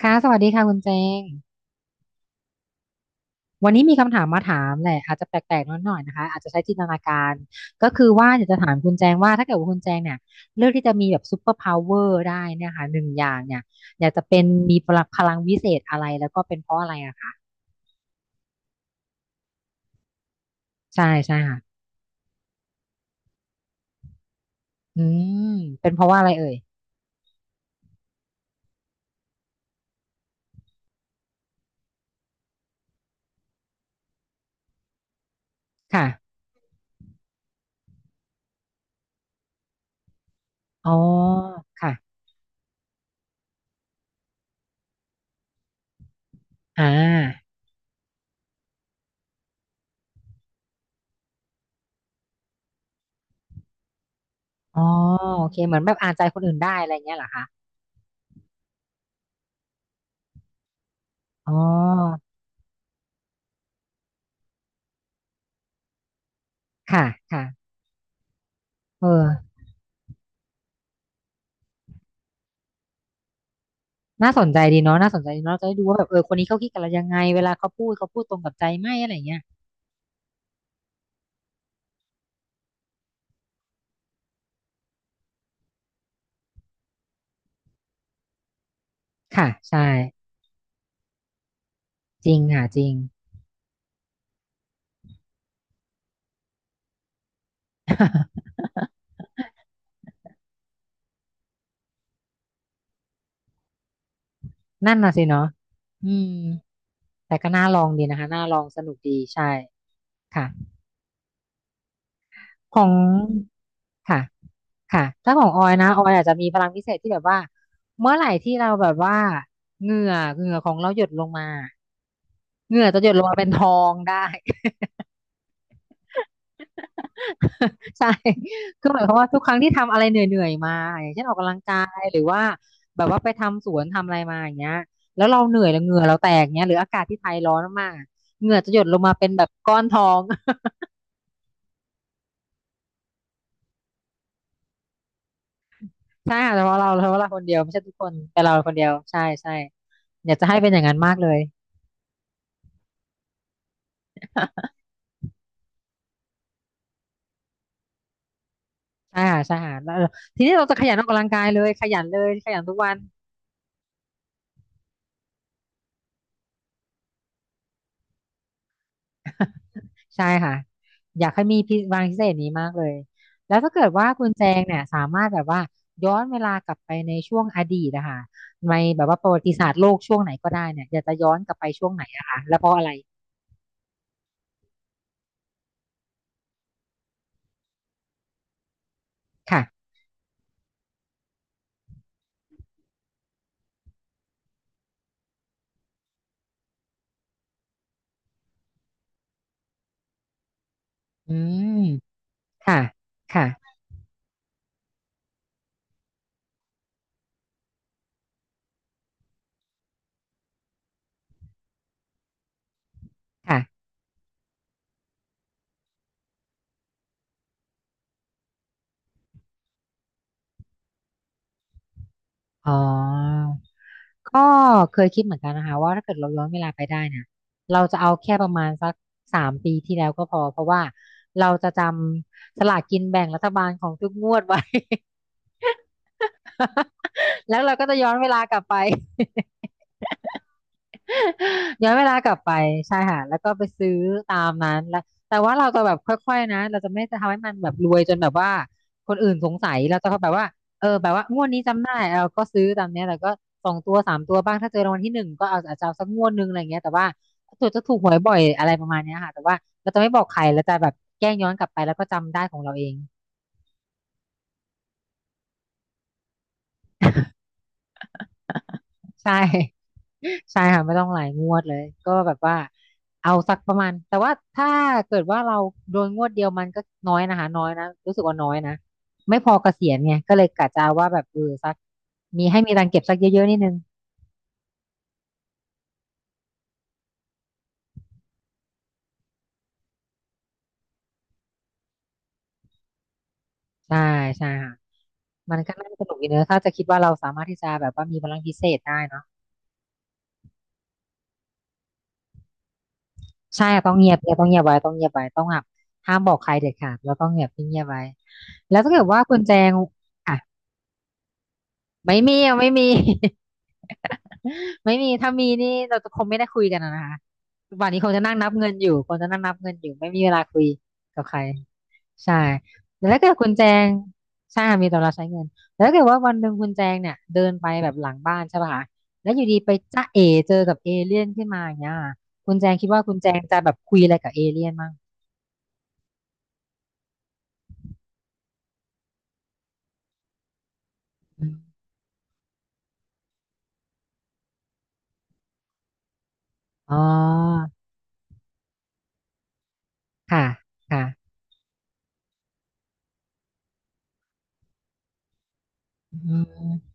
ค่ะสวัสดีค่ะคุณเจงวันนี้มีคำถามมาถามแหละอาจจะแปลกๆนิดหน่อยนะคะอาจจะใช้จินตนาการก็คือว่าอยากจะถามคุณแจงว่าถ้าเกิดว่าคุณแจงเนี่ยเลือกที่จะมีแบบซูเปอร์พาวเวอร์ได้เนี่ยค่ะหนึ่งอย่างเนี่ยอยากจะเป็นมีพลังพลังวิเศษอะไรแล้วก็เป็นเพราะอะไรอะคะใช่ใช่ค่ะอืมเป็นเพราะว่าอะไรเอ่ยค่ะอ๋อค่ะอ่าอ๋อโอเคเหมือนแบบอ่านใจคนอื่นได้อะไรเงี้ยเหรอคะอ๋อค่ะค่ะเออ น่าสนใจดีเนาะน่าสนใจดีเนาะเราจะได้ดูว่าแบบเออคนนี้เขาคิดกันแล้วยังไงเวลาเขาพูดเขาพูดตรงกับใจไหมอะไรเงี้ยค่ะใช่จริงค่ะจริง นั่นน่ะสิเนาะอืมแต่ก็น่าลองดีนะคะน่าลองสนุกดีใช่ค่ะของค่ะค่ะถ้าของออยนะออยอาจจะมีพลังพิเศษที่แบบว่าเมื่อไหร่ที่เราแบบว่าเหงื่อเหงื่อของเราหยดลงมาเหงื่อจะหยดลงมาเป็นทองได้ ใช่ คือหมายความว่าทุกครั้งที่ทำอะไรเหนื่อยๆมาอย่างเช่นออกกำลังกายหรือว่าแบบว่าไปทำสวนทำอะไรมาอย่างเงี้ยแล้วเราเหนื่อยแล้วเหงื่อเราแตกเงี้ยหรืออากาศที่ไทยร้อนมากๆอะเหงื่อจะหยดลงมาเป็นแบบก้อนทอง ใช่ค่ะเฉพาะเราเฉพาะเราคนเดียวไม่ใช่ทุกคนแต่เราคนเดียวใช่ใช่อยากจะให้เป็นอย่างนั้นมากเลย ใช่ค่ะใช่ค่ะแล้วทีนี้เราจะขยันออกกำลังกายเลยขยันเลยขยันทุกวัน ใช่ค่ะอยากให้มีพิวังพิเศษนี้มากเลยแล้วถ้าเกิดว่าคุณแจงเนี่ยสามารถแบบว่าย้อนเวลากลับไปในช่วงอดีตนะคะในแบบว่าประวัติศาสตร์โลกช่วงไหนก็ได้เนี่ยอยากจะย้อนกลับไปช่วงไหนอะคะแล้วเพราะอะไรค่ะอืมค่ะค่ะค่ะอ๋อก็เคยคิดเหมือนกันนะคะว่าถ้าเกิดเราย้อนเวลาไปได้เนี่ยเราจะเอาแค่ประมาณสัก3 ปีที่แล้วก็พอเพราะว่าเราจะจำสลากกินแบ่งรัฐบาลของทุกงวดไว้ แล้วเราก็จะย้อนเวลากลับไป ย้อนเวลากลับไปใช่ค่ะแล้วก็ไปซื้อตามนั้นแล้วแต่ว่าเราจะแบบค่อยๆนะเราจะไม่จะทำให้มันแบบรวยจนแบบว่าคนอื่นสงสัยเราจะแบบว่าเออแบบว่างวดนี้จำได้เราก็ซื้อตามเนี้ยแต่ก็สองตัวสามตัวบ้างถ้าเจอรางวัลที่หนึ่งก็เอาอาจจะเอาสักงวดหนึงอะไรเงี้ยแต่ว่าตัวจะถูกหวยบ่อยอะไรประมาณเนี้ยค่ะแต่ว่าเราจะไม่บอกใครเราจะแบบแกล้งย้อนกลับไปแล้วก็จำได้ของเราเองใช่ ใช่ค่ะไม่ต้องหลายงวดเลยก็แบบว่าเอาสักประมาณแต่ว่าถ้าเกิดว่าเราโดนงวดเดียวมันก็น้อยนะคะน้อยนะรู้สึกว่าน้อยนะไม่พอเกษียณไงก็เลยกะจะเอาว่าแบบเออสักมีให้มีตังค์เก็บสักเยอะๆนิดนึงใช่ใช่ค่ะมันก็น่าจะสนุกอีกเนอะถ้าจะคิดว่าเราสามารถที่จะแบบว่ามีพลังพิเศษได้เนาะใช่ค่ะต้องเงียบเนี่ยต้องเงียบไว้ต้องเงียบไว้ต้องหบบห้ามบอกใครเด็ดขาดแล้วต้องเงียบเงียบไว้แล้วถ้าเกิดว่าคุณแจงอ่ะไม่มีอ่ะไม่มี ไม่มีถ้ามีนี่เราจะคงไม่ได้คุยกันอะนะคะวันนี้คงจะนั่งนับเงินอยู่คงจะนั่งนับเงินอยู่ไม่มีเวลาคุยกับใครใช่แล้วถ้าเกิดคุณแจงใช่ค่ะมีแต่เราใช้เงินแล้วถ้าเกิดว่าวันหนึ่งคุณแจงเนี่ยเดินไปแบบหลังบ้านใช่ป่ะคะแล้วอยู่ดีไปจ้าเอเจอกับเอเลี่ยนขึ้นมาอย่างเงี้ยค่ะคุณแจงคิดว่าคุณแจงจะแบบคุยอะไรกับเอเลี่ยนมั้งอืมอ๋อค่ะค่ะอืม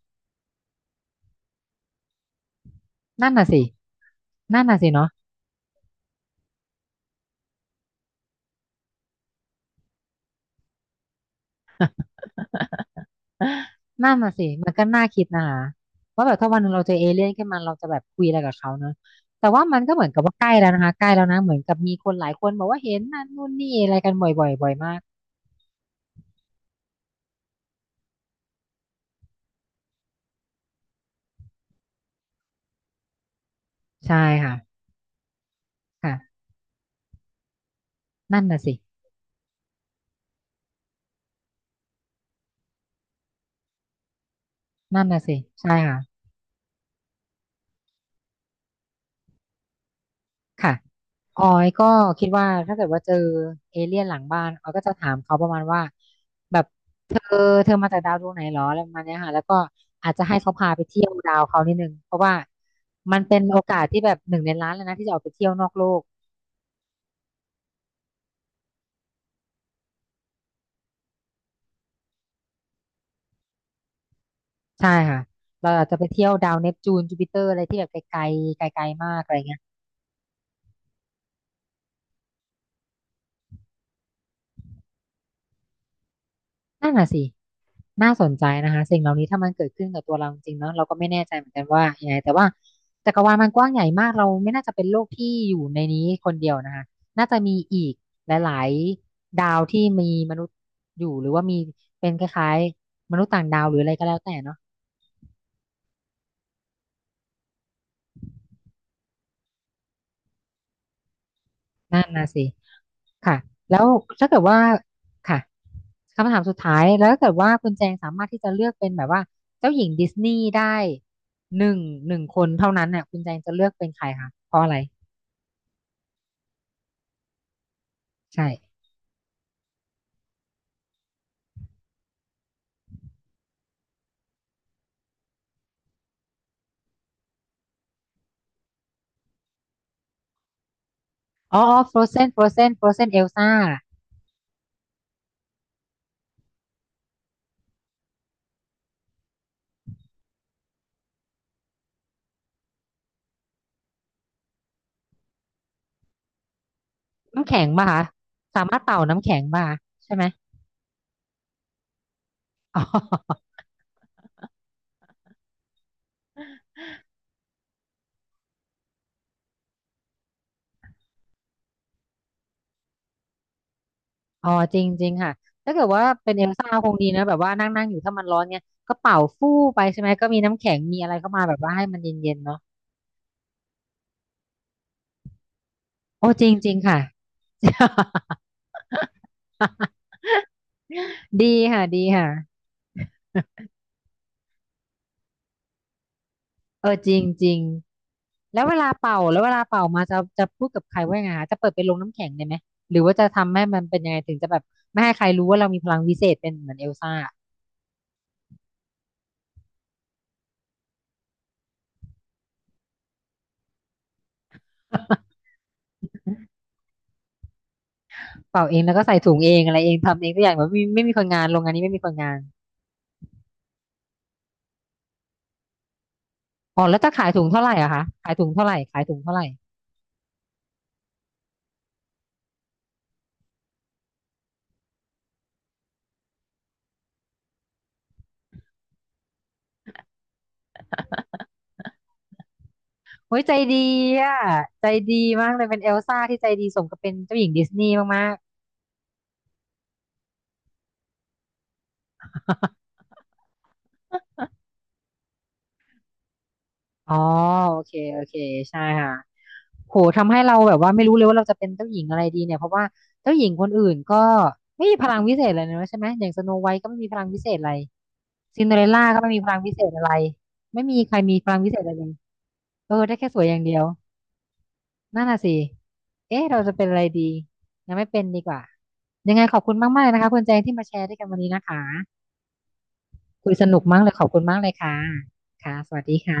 นั่นน่ะสินั่นน่ะสิเนาะ นั่นน่ะสิมันก็น่าคิดนะคะว่าแบบถ้าวันหนึ่งเราเจอเอเลี่ยนขึ้นมาเราจะแบบคุยอะไรกับเขาเนอะแต่ว่ามันก็เหมือนกับว่าใกล้แล้วนะคะใกล้แล้วนะเหมือนกับมีคนหลายคนบอกว่าเห็นนั่นนู่นนี่อะไรกันบ่อยๆบ่อยมากใช่ค่ะค่ะนั่นน่ะสินั่นน่ะสิใช่ค่ะ ค่ะ ออยก็คิดว่าถ้าเกิดว่าเจอเอเลี่ยนหลังบ้านออยก็จะถามเขาประมาณว่าแบบเธอเธอมาจากดาวดวงไหนหรออะไรประมาณเนี้ยค่ะแล้วก็อาจจะให้เขาพาไปเที่ยวดาวเขานิดนึงเพราะว่ามันเป็นโอกาสที่แบบหนึ่งในล้านเลยนะที่จะออกไปเที่ยวนอกโลกใช่ค่ะเราอาจจะไปเที่ยวดาวเนปจูนจูปิเตอร์อะไรที่แบบไกลๆไกลๆมากอะไรเงี้ย นั่นน่ะสิ น่าสนใจนะคะสิ่งเหล่านี้ถ้ามันเกิดขึ้นกับตัวเราจริงๆเนาะเราก็ไม่แน่ใจเหมือนกันว่ายังไงแต่ว่าจักรวาลมันกว้างใหญ่มากเราไม่น่าจะเป็นโลกที่อยู่ในนี้คนเดียวนะคะน่าจะมีอีกหลายๆดาวที่มีมนุษย์อยู่หรือว่ามีเป็นคล้ายๆมนุษย์ต่างดาวหรืออะไรก็แล้วแต่เนาะนั่นน่ะสิ ค่ะแล้วถ้าเกิดว่าค่ะคำถามสุดท้ายแล้วถ้าเกิดว่าคุณแจงสามารถที่จะเลือกเป็นแบบว่าเจ้าหญิงดิสนีย์ได้หนึ่งหนึ่งคนเท่านั้นเนี่ยคุณแจงจะเลือกเป็นใครคะเพราะอะไรใช่อ๋อ Frozen Frozen Elsa น้ำแข็งป่ะคะสามารถเป่าน้ำแข็งป่ะคะใช่ไหมอ๋ออ๋อจริงจริงค่ะถ้าเกิดว่าเป็นเอลซ่าคงดีนะแบบว่านั่งนั่งอยู่ถ้ามันร้อนเนี่ยก็เป่าฟู่ไปใช่ไหมก็มีน้ำแข็งมีอะไรเข้ามาแบบว่าให้มันเย็นๆเนาะโอ้จริงจริงค่ะ ดีค่ะดีค่ะเออจริงจริงแล้วเวลาเป่าแล้วเวลาเป่ามาจะพูดกับใครว่ายังไงคะจะเปิดเป็นโรงน้ำแข็งได้ไหมหรือว่าจะทำให้มันเป็นยังไงถึงจะแบบไม่ให้ใครรู้ว่าเรามีพลังวิเศษเป็นเหมือนเอลซ่า เป่าเองแล้วก็ใส่ถุงเองอะไรเองทำเองทุกอย่างแบบไม่มีคนงานโรงงานนี้ไม่มีคนงานอ๋อแล้วจะขายถุงเท่าไหร่อะคะขายถุงเท่าไหร่ขายถุงเท่าไหร่เฮ้ยใจดีอะใจดีมากเลยเป็นเอลซ่าที่ใจดีสมกับเป็นเจ้าหญิงดิสนีย์มากๆ อ๋อโอเคโอเคใช่ค่ะโหทำให้เราแบบว่าไม่รู้เลยว่าเราจะเป็นเจ้าหญิงอะไรดีเนี่ยเพราะว่าเจ้าหญิงคนอื่นก็ไม่มีพลังวิเศษอะไรเลยนะใช่ไหมอย่างสโนไวท์ก็ไม่มีพลังวิเศษอะไรซินเดอเรลล่าก็ไม่มีพลังวิเศษอะไรไม่มีใครมีพลังวิเศษอะไรเลยเออได้แค่สวยอย่างเดียวนั่นน่ะสิเอ๊ะเราจะเป็นอะไรดียังไม่เป็นดีกว่ายังไงขอบคุณมากมากเลยนะคะคุณแจงที่มาแชร์ด้วยกันวันนี้นะคะคุยสนุกมากเลยขอบคุณมากเลยค่ะค่ะสวัสดีค่ะ